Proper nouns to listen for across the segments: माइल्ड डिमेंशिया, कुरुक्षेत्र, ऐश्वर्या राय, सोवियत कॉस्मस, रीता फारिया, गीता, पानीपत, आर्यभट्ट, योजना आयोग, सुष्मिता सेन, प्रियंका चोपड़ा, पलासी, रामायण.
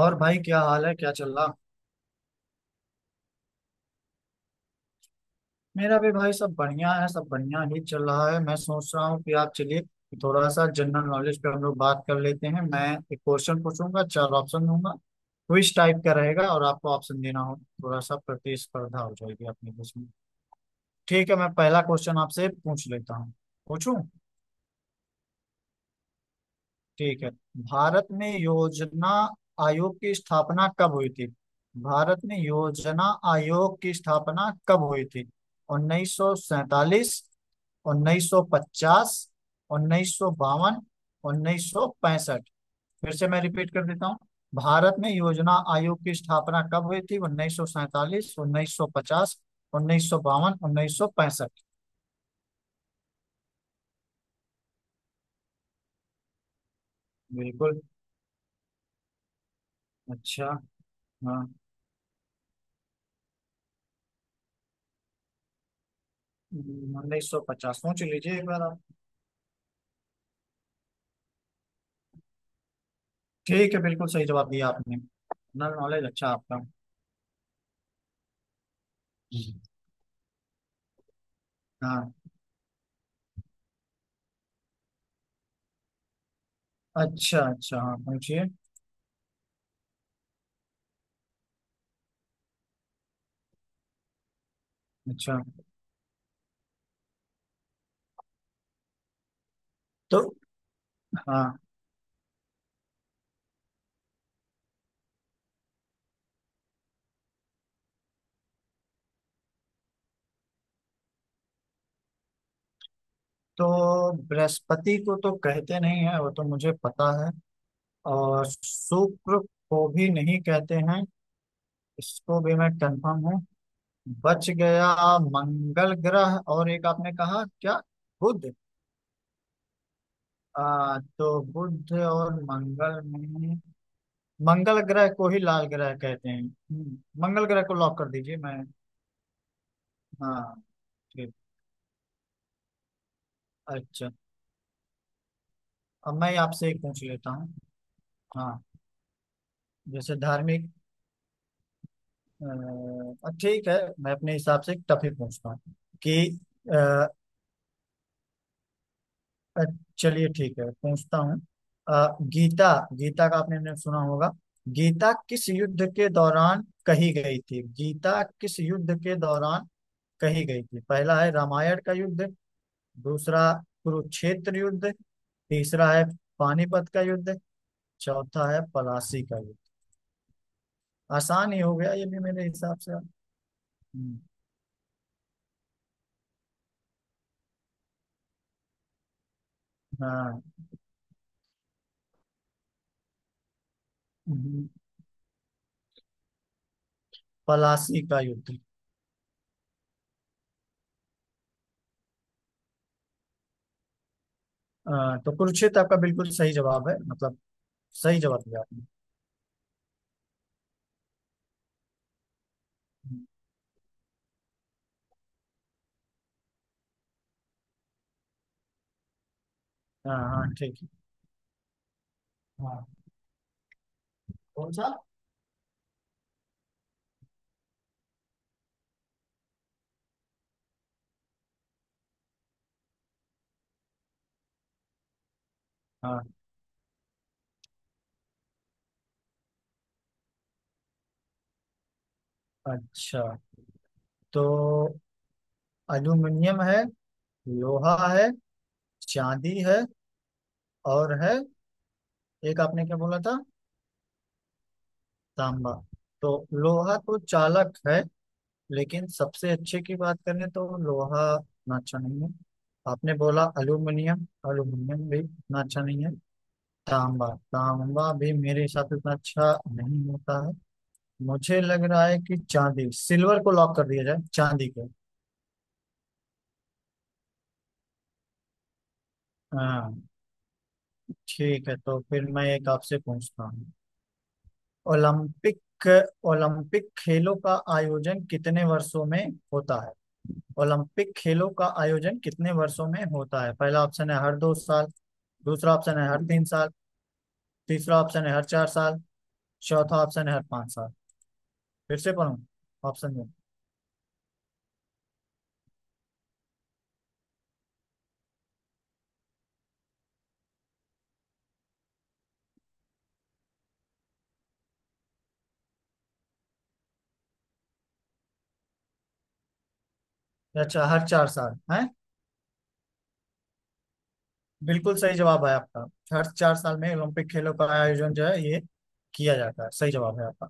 और भाई, क्या हाल है? क्या चल रहा? मेरा भी भाई, सब बढ़िया है। सब बढ़िया ही चल रहा है। मैं सोच रहा हूँ कि आप चलिए, थोड़ा सा जनरल नॉलेज पे हम लोग बात कर लेते हैं। मैं एक क्वेश्चन पूछूंगा, चार ऑप्शन दूंगा। क्विज टाइप का रहेगा और आपको ऑप्शन देना हो। थोड़ा सा प्रतिस्पर्धा हो जाएगी अपने बीच में। ठीक है, मैं पहला क्वेश्चन आपसे पूछ लेता हूँ, पूछूं? ठीक है। भारत में योजना आयोग की स्थापना कब हुई थी? भारत में योजना आयोग की स्थापना कब हुई थी? 1947, 1950, 1952, 1965? फिर से मैं रिपीट कर देता हूँ। भारत में योजना आयोग की स्थापना कब हुई थी? 1947, 1950, 1952, 1965? बिल्कुल। अच्छा। हाँ। 1950, सोच लीजिए एक बार आप। ठीक है। बिल्कुल सही जवाब दिया आपने। जनरल नॉलेज अच्छा आपका। हाँ। अच्छा अच्छा। हाँ, पूछिए। अच्छा। तो हाँ, तो बृहस्पति को तो कहते नहीं है, वो तो मुझे पता है। और शुक्र को भी नहीं कहते हैं। इसको भी मैं कंफर्म हूँ। बच गया मंगल ग्रह और एक, आपने कहा क्या? बुध। तो बुध और मंगल में मंगल ग्रह को ही लाल ग्रह कहते हैं। हम्म। मंगल ग्रह को लॉक कर दीजिए। मैं हाँ ठीक। अच्छा, अब मैं आपसे एक पूछ लेता हूँ। हाँ, जैसे धार्मिक। ठीक है, मैं अपने हिसाब से टफ ही पूछता हूँ कि अ, अ, चलिए, ठीक है, पूछता हूँ। गीता गीता का आपने ने सुना होगा। गीता किस युद्ध के दौरान कही गई थी? गीता किस युद्ध के दौरान कही गई थी? पहला है रामायण का युद्ध, दूसरा कुरुक्षेत्र युद्ध, तीसरा है पानीपत का युद्ध, चौथा है पलासी का युद्ध। आसान ही हो गया ये भी मेरे हिसाब से। हाँ, पलासी का युद्ध। हाँ, तो कुरुक्षेत्र आपका बिल्कुल सही जवाब है। मतलब सही जवाब दिया आपने। हाँ हाँ, ठीक है। हाँ। कौन सा? हाँ, अच्छा। तो एल्यूमिनियम है, लोहा है, चांदी है, और है एक। आपने क्या बोला था? तांबा। तो लोहा तो चालक है लेकिन सबसे अच्छे की बात करें तो लोहा उतना अच्छा नहीं है। आपने बोला अल्यूमिनियम, अल्यूमिनियम भी उतना अच्छा नहीं है। तांबा, तांबा भी मेरे हिसाब से उतना अच्छा नहीं होता है। मुझे लग रहा है कि चांदी, सिल्वर को लॉक कर दिया जाए, चांदी को। हाँ, ठीक है। तो फिर मैं एक आपसे पूछता हूँ। ओलंपिक ओलंपिक खेलों का आयोजन कितने वर्षों में होता है? ओलंपिक खेलों का आयोजन कितने वर्षों में होता है? पहला ऑप्शन है हर 2 साल, दूसरा ऑप्शन है हर 3 साल, तीसरा ऑप्शन है हर 4 साल, चौथा ऑप्शन है हर 5 साल। फिर से पढ़ूं ऑप्शन दो? अच्छा, हर 4 साल है। बिल्कुल सही जवाब है आपका। हर 4 साल में ओलंपिक खेलों का आयोजन जो है ये किया जाता है। सही जवाब है आपका।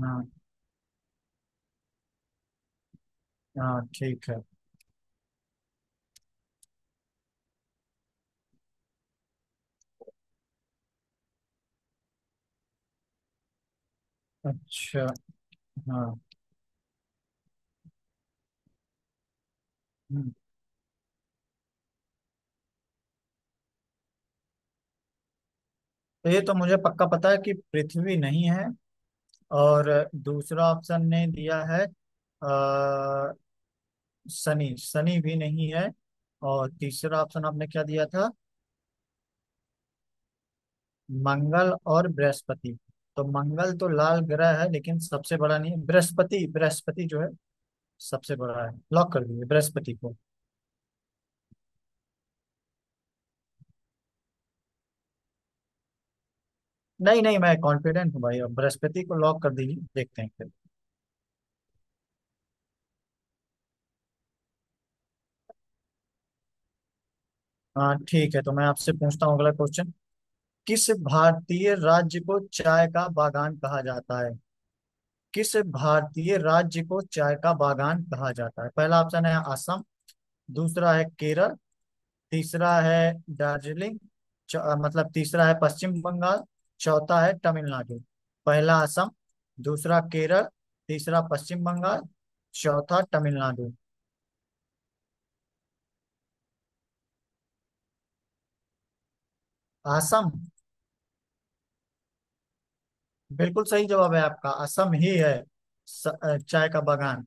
हाँ हाँ, ठीक है। अच्छा। हाँ। हम्म, तो ये तो मुझे पक्का पता है कि पृथ्वी नहीं है। और दूसरा ऑप्शन ने दिया है अ, शनि शनि भी नहीं है। और तीसरा ऑप्शन आपने क्या दिया था? मंगल और बृहस्पति। तो मंगल तो लाल ग्रह है लेकिन सबसे बड़ा नहीं है। बृहस्पति बृहस्पति जो है सबसे बड़ा है। लॉक कर दीजिए बृहस्पति को। नहीं नहीं, मैं कॉन्फिडेंट हूँ भाई। अब बृहस्पति को लॉक कर दीजिए, देखते हैं फिर। हाँ, ठीक है। तो मैं आपसे पूछता हूँ अगला क्वेश्चन। किस भारतीय राज्य को चाय का बागान कहा जाता है? किस भारतीय राज्य को चाय का बागान कहा जाता है? पहला ऑप्शन है असम, दूसरा है केरल, तीसरा है दार्जिलिंग। मतलब तीसरा है पश्चिम बंगाल। चौथा है तमिलनाडु। पहला असम, दूसरा केरल, तीसरा पश्चिम बंगाल, चौथा तमिलनाडु। असम। बिल्कुल सही जवाब है आपका, असम ही है। चाय का बागान।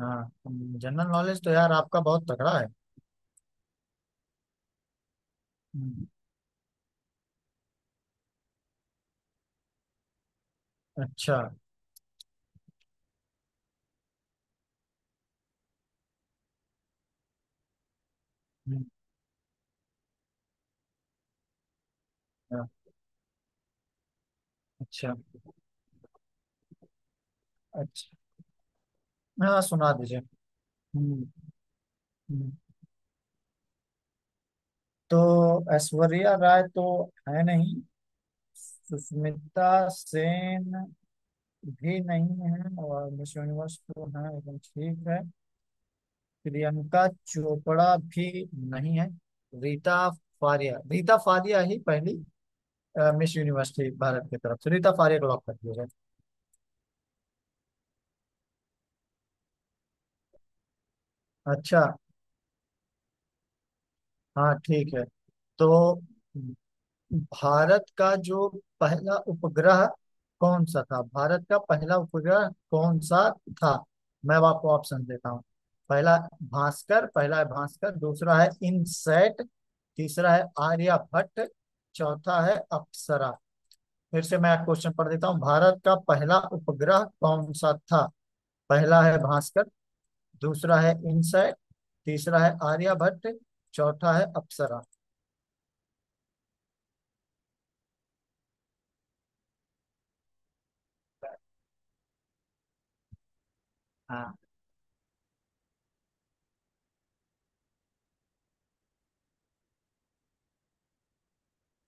हाँ, जनरल नॉलेज तो यार आपका बहुत तगड़ा है। हम्म। अच्छा। हम्म। हाँ। अच्छा अच्छा। हाँ, सुना दीजिए। हम्म। हम्म। तो ऐश्वर्या राय तो है नहीं, सुष्मिता सेन भी नहीं है। और मिस यूनिवर्स तो है, एकदम ठीक है। प्रियंका चोपड़ा भी नहीं है। रीता रीता फारिया ही पहली मिस यूनिवर्स थी भारत की तरफ से। रीता फारिया को लॉक कर दिया जाए। अच्छा। हाँ, ठीक है। तो भारत का जो पहला उपग्रह कौन सा था? भारत का पहला उपग्रह कौन सा था? मैं अब आपको ऑप्शन देता हूँ। पहला पहला है भास्कर, दूसरा है इनसैट, तीसरा है आर्यभट्ट, चौथा है अप्सरा। फिर से मैं क्वेश्चन पढ़ देता हूँ। भारत का पहला उपग्रह कौन सा था? पहला है भास्कर, दूसरा है इनसैट, तीसरा है आर्यभट्ट, चौथा है अप्सरा। हाँ।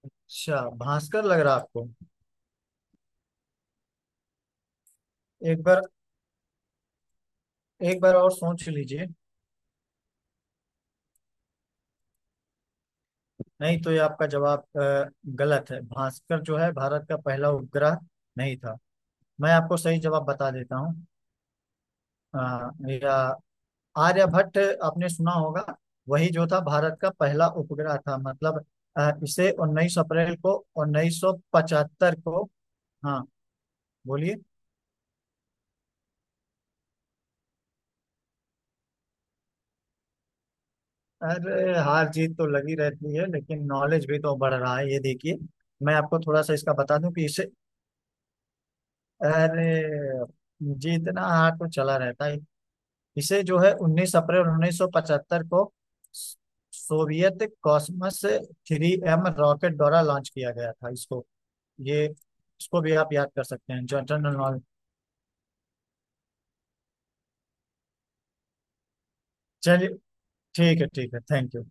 अच्छा, भास्कर लग रहा है आपको। एक बार, एक बार और सोच लीजिए। नहीं, तो ये आपका जवाब गलत है। भास्कर जो है भारत का पहला उपग्रह नहीं था। मैं आपको सही जवाब बता देता हूँ। अ, या आर्यभट्ट आपने सुना होगा, वही जो था भारत का पहला उपग्रह था मतलब। इसे 19 अप्रैल को 1975 को। हाँ, बोलिए। अरे, हार जीत तो लगी रहती है लेकिन नॉलेज भी तो बढ़ रहा है, ये देखिए। मैं आपको थोड़ा सा इसका बता दूं कि इसे, अरे जीतना हाथ तो चला रहता है। इसे जो है 19 अप्रैल 1975 को सोवियत कॉस्मस 3M रॉकेट द्वारा लॉन्च किया गया था इसको। ये इसको भी आप याद कर सकते हैं जनरल नॉलेज। चलिए, ठीक है ठीक है। Thank you.